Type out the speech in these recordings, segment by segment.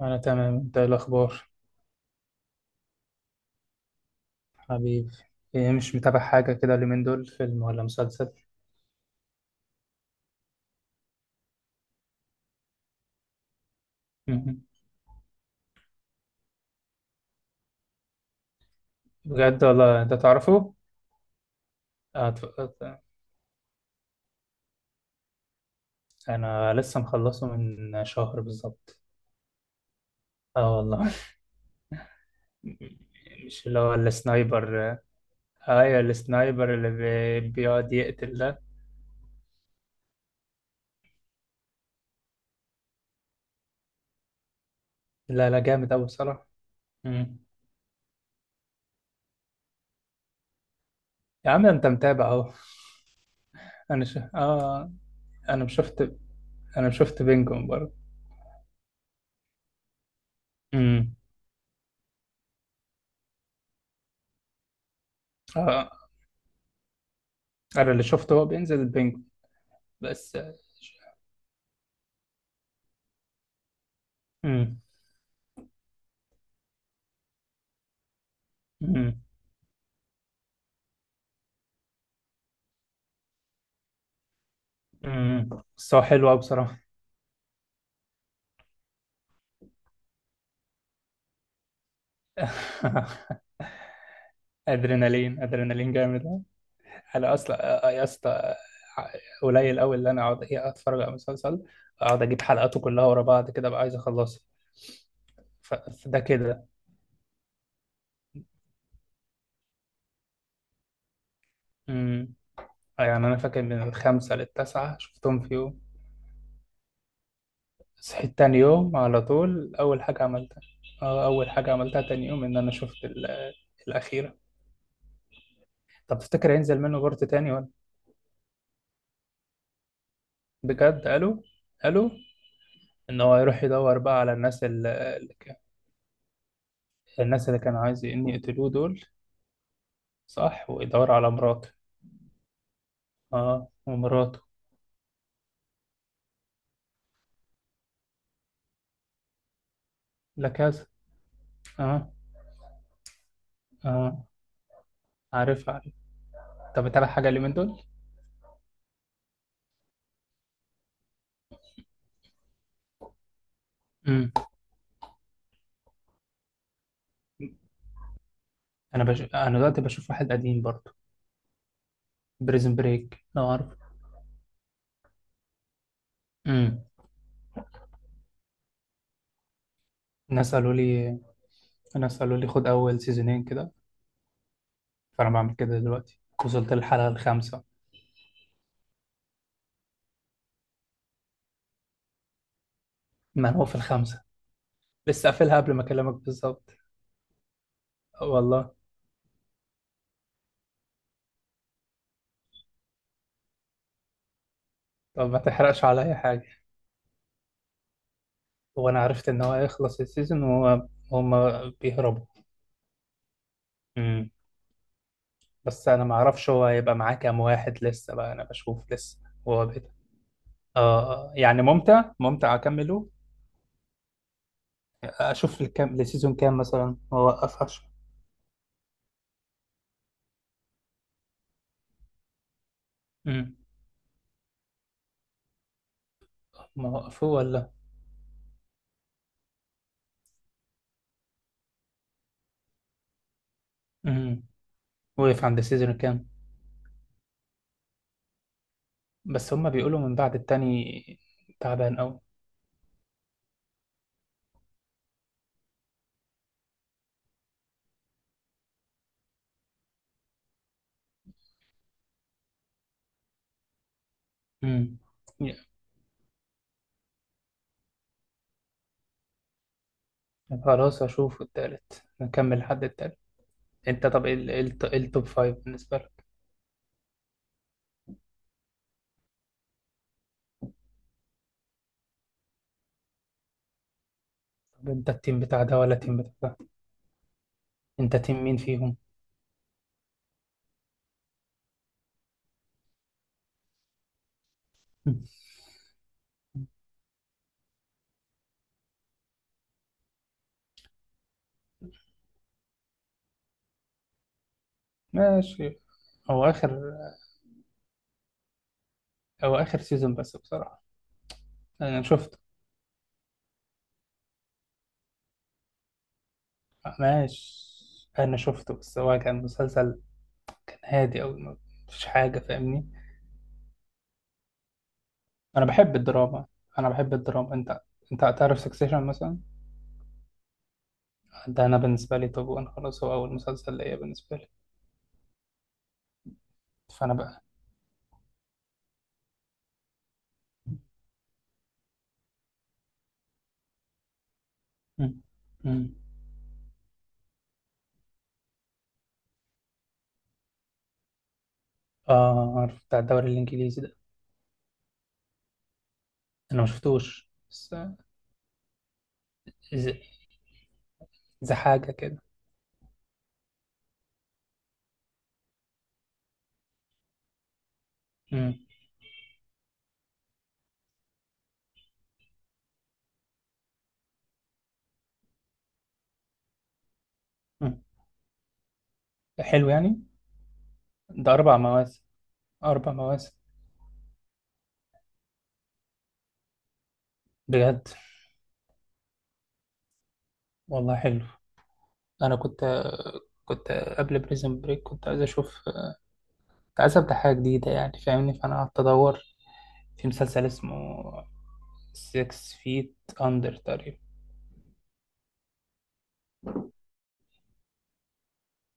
أنا تمام. أنت إيه الأخبار؟ حبيبي، إيه؟ مش متابع حاجة كده اليومين دول، فيلم ولا مسلسل؟ مهم. بجد والله أنت تعرفه؟ آه، ت- آه، أنا لسه مخلصه من شهر بالظبط. آه والله. مش اللي هو السنايبر؟ آه أيوة، السنايبر اللي بيقعد يقتل ده. لا لا، جامد أوي بصراحة. مم. يا عم أنت متابع أهو. أنا ش... آه أنا شفت أنا شفت بينجون برضه. مم. آه، أنا اللي شفته هو بينزل بينجون بس. امم، امم، امم، بس هو حلو قوي بصراحة. ادرينالين ادرينالين، جامد أوي. انا اصلا يا اسطى قليل قوي اللي انا اقعد، إيه، اتفرج على مسلسل، اقعد اجيب حلقاته كلها ورا بعض كده. بقى عايز اخلصها. فده كده. امم. يعني انا فاكر من الخمسة للتسعة شفتهم في يوم. صحيت تاني يوم على طول اول حاجة عملتها. اه، اول حاجة عملتها تاني يوم ان انا شفت الاخيرة. طب تفتكر هينزل منه بارت تاني؟ بجد قالوا ان هو يروح يدور بقى على الناس اللي، الناس اللي كانوا عايز ان يقتلوه دول، صح، ويدور على مراته. اه، ومراته. لا كذا. اه. اه عارف، عارف. طب تعالى، حاجه اللي من دول؟ امم. انا دلوقتي بشوف واحد قديم برضه، بريزن بريك، لو عارف. امم. الناس قالوا لي الناس قالوا لي خد اول سيزونين كده، فانا بعمل كده دلوقتي. وصلت للحلقه الخامسه. ما انا هو في الخامسه. لسه قافلها قبل ما اكلمك بالظبط. والله؟ طب ما تحرقش عليا حاجه. وانا عرفت ان هو هيخلص السيزون وهو هما بيهربوا. امم. بس انا ما اعرفش هو هيبقى معاه كام واحد لسه بقى. انا بشوف لسه. هو بيت. اه. آه، يعني ممتع، ممتع اكمله. اشوف الكام لسيزون، كام مثلا، واوقفهاش. امم. ما وقفوه ولا؟ امم. وقف عند السيزون كام؟ بس هما بيقولوا من بعد التاني تعبان قوي. امم. خلاص اشوف التالت، نكمل لحد التالت. انت طب ايه إيه التوب فايف بالنسبة لك؟ طب انت التيم بتاع ده ولا التيم بتاع ده؟ انت تيم مين فيهم؟ ماشي. هو اخر هو اخر سيزون بس بصراحة. انا شفته. ماشي، انا شفته، بس هو كان مسلسل، كان هادي، او ما فيش حاجة، فاهمني؟ انا بحب الدراما. انا بحب الدراما. انت، انت تعرف سكسيشن مثلا؟ ده انا بالنسبة لي توب وان، خلاص، هو اول مسلسل ليا بالنسبة لي. فانا بقى. مم. مم. اه عارف، بتاع الدوري الانجليزي ده؟ انا ما شفتوش بس. زي زي حاجة كده. مم. مم. حلو يعني. ده اربع مواسم؟ أربع مواسم. بجد؟ والله حلو. أنا كنت، كنت قبل بريزن بريك كنت عايز أشوف، كنت عايز أبدأ حاجة جديدة، يعني فاهمني، فأنا قعدت أدور في مسلسل اسمه 6 feet under تقريبا.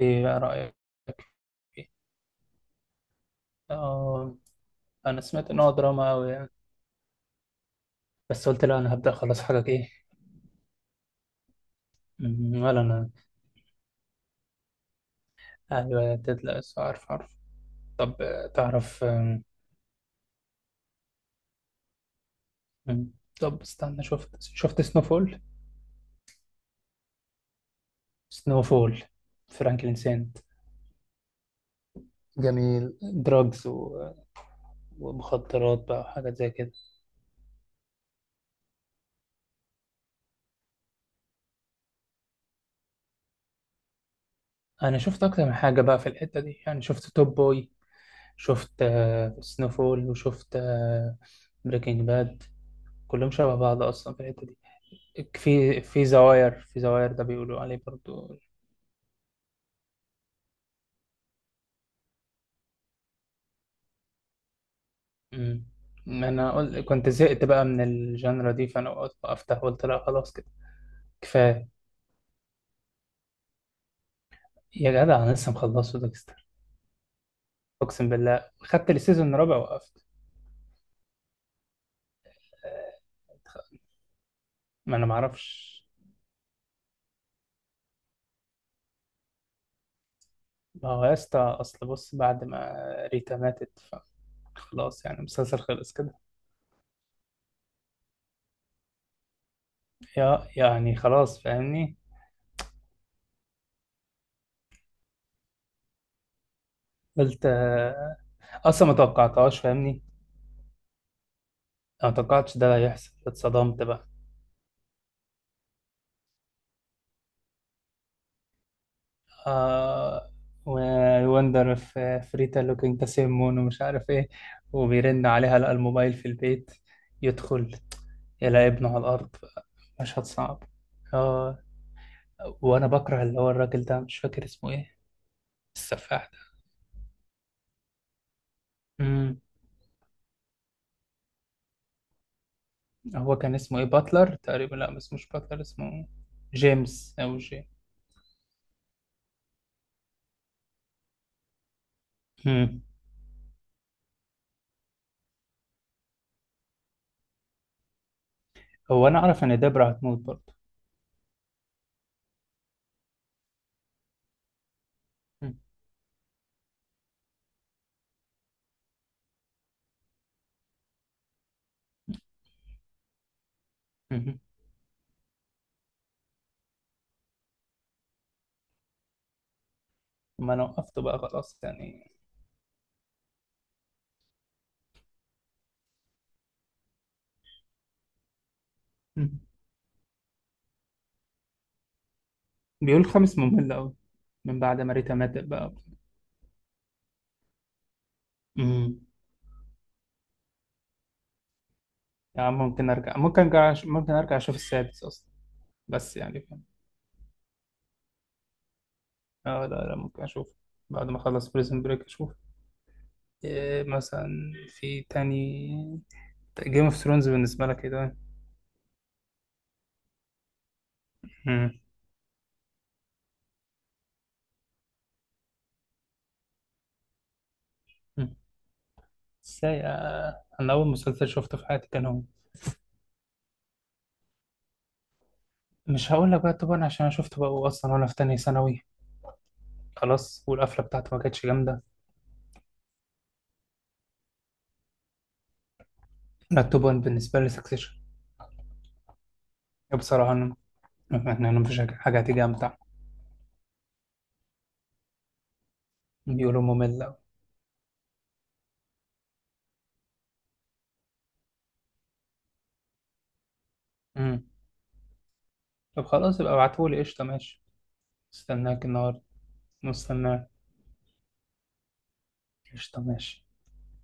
إيه بقى رأيك فيه؟ آه، أنا سمعت إن هو دراما أوي يعني، بس قلت لا، أنا هبدأ خلاص حاجة، إيه. ولا أنا. أيوة تطلع، عارف، عارف. طب تعرف، مم، طب استنى، شفت، شفت سنوفول؟ سنوفول، فرانكلين سين. جميل، دراجز ومخدرات بقى وحاجات زي كده. انا شفت اكتر من حاجه بقى في الحته دي، يعني شفت توب بوي، شفت سنوفول، وشفت بريكنج باد. كلهم شبه بعض اصلا في الحته دي. في زواير ده بيقولوا عليه برضو. امم. انا قلت كنت زهقت بقى من الجانرا دي، فانا وقفت، قلت لا خلاص كده، كفايه. يا جدع انا لسه مخلصه ديكستر. اقسم بالله خدت السيزون الرابع، وقفت. آه، ما انا معرفش. ما هو يا اسطى اصل بص، بعد ما ريتا ماتت فخلاص، يعني المسلسل خلص كده. يا يعني، خلاص، فاهمني. قلت آه، اصلا ما توقعتهاش، فاهمني. أنا ما توقعتش ده هيحصل، اتصدمت بقى. آه، وندر في فريتا لوكينج ذا سيم مون ومش عارف ايه، وبيرن عليها، لقى الموبايل في البيت، يدخل، يلاقي ابنه على الارض. مشهد صعب. اه. وانا بكره اللي هو الراجل ده، مش فاكر اسمه ايه، السفاح ده. هو كان اسمه ايه، باتلر تقريبا، لا بس مش باتلر اسمه، جيمس او جي. مم. هو انا اعرف ان دبرة هتموت برضه. مم. مم. ما انا وقفت بقى، خلاص يعني. مم. بيقول خمس ممل قوي، من بعد ما ريتا ماتت بقى. مم. يعني ممكن ارجع اشوف السادس اصلا. بس يعني فاهم. اه لا لا، ممكن اشوف. بعد ما اخلص بريزن بريك اشوف إيه مثلا. في تاني، جيم اوف ثرونز بالنسبة لك ايه ده؟ مم. ازاي؟ آه، انا اول مسلسل شفته في حياتي كان هو. مش هقول لك بقى توبان عشان انا شفته بقى اصلا وانا في تانية ثانوي، خلاص. والقفله بتاعته ما كانتش جامده. لا، توبان بالنسبه لي سكسيشن. بصراحه انا، أنا مفيش حاجه، حاجة هتيجي امتع. بيقولوا ممل أوي. امم. طب خلاص، يبقى ابعتهولي. قشطه، ماشي. استناك النهارده. مستناك. قشطه، ماشي.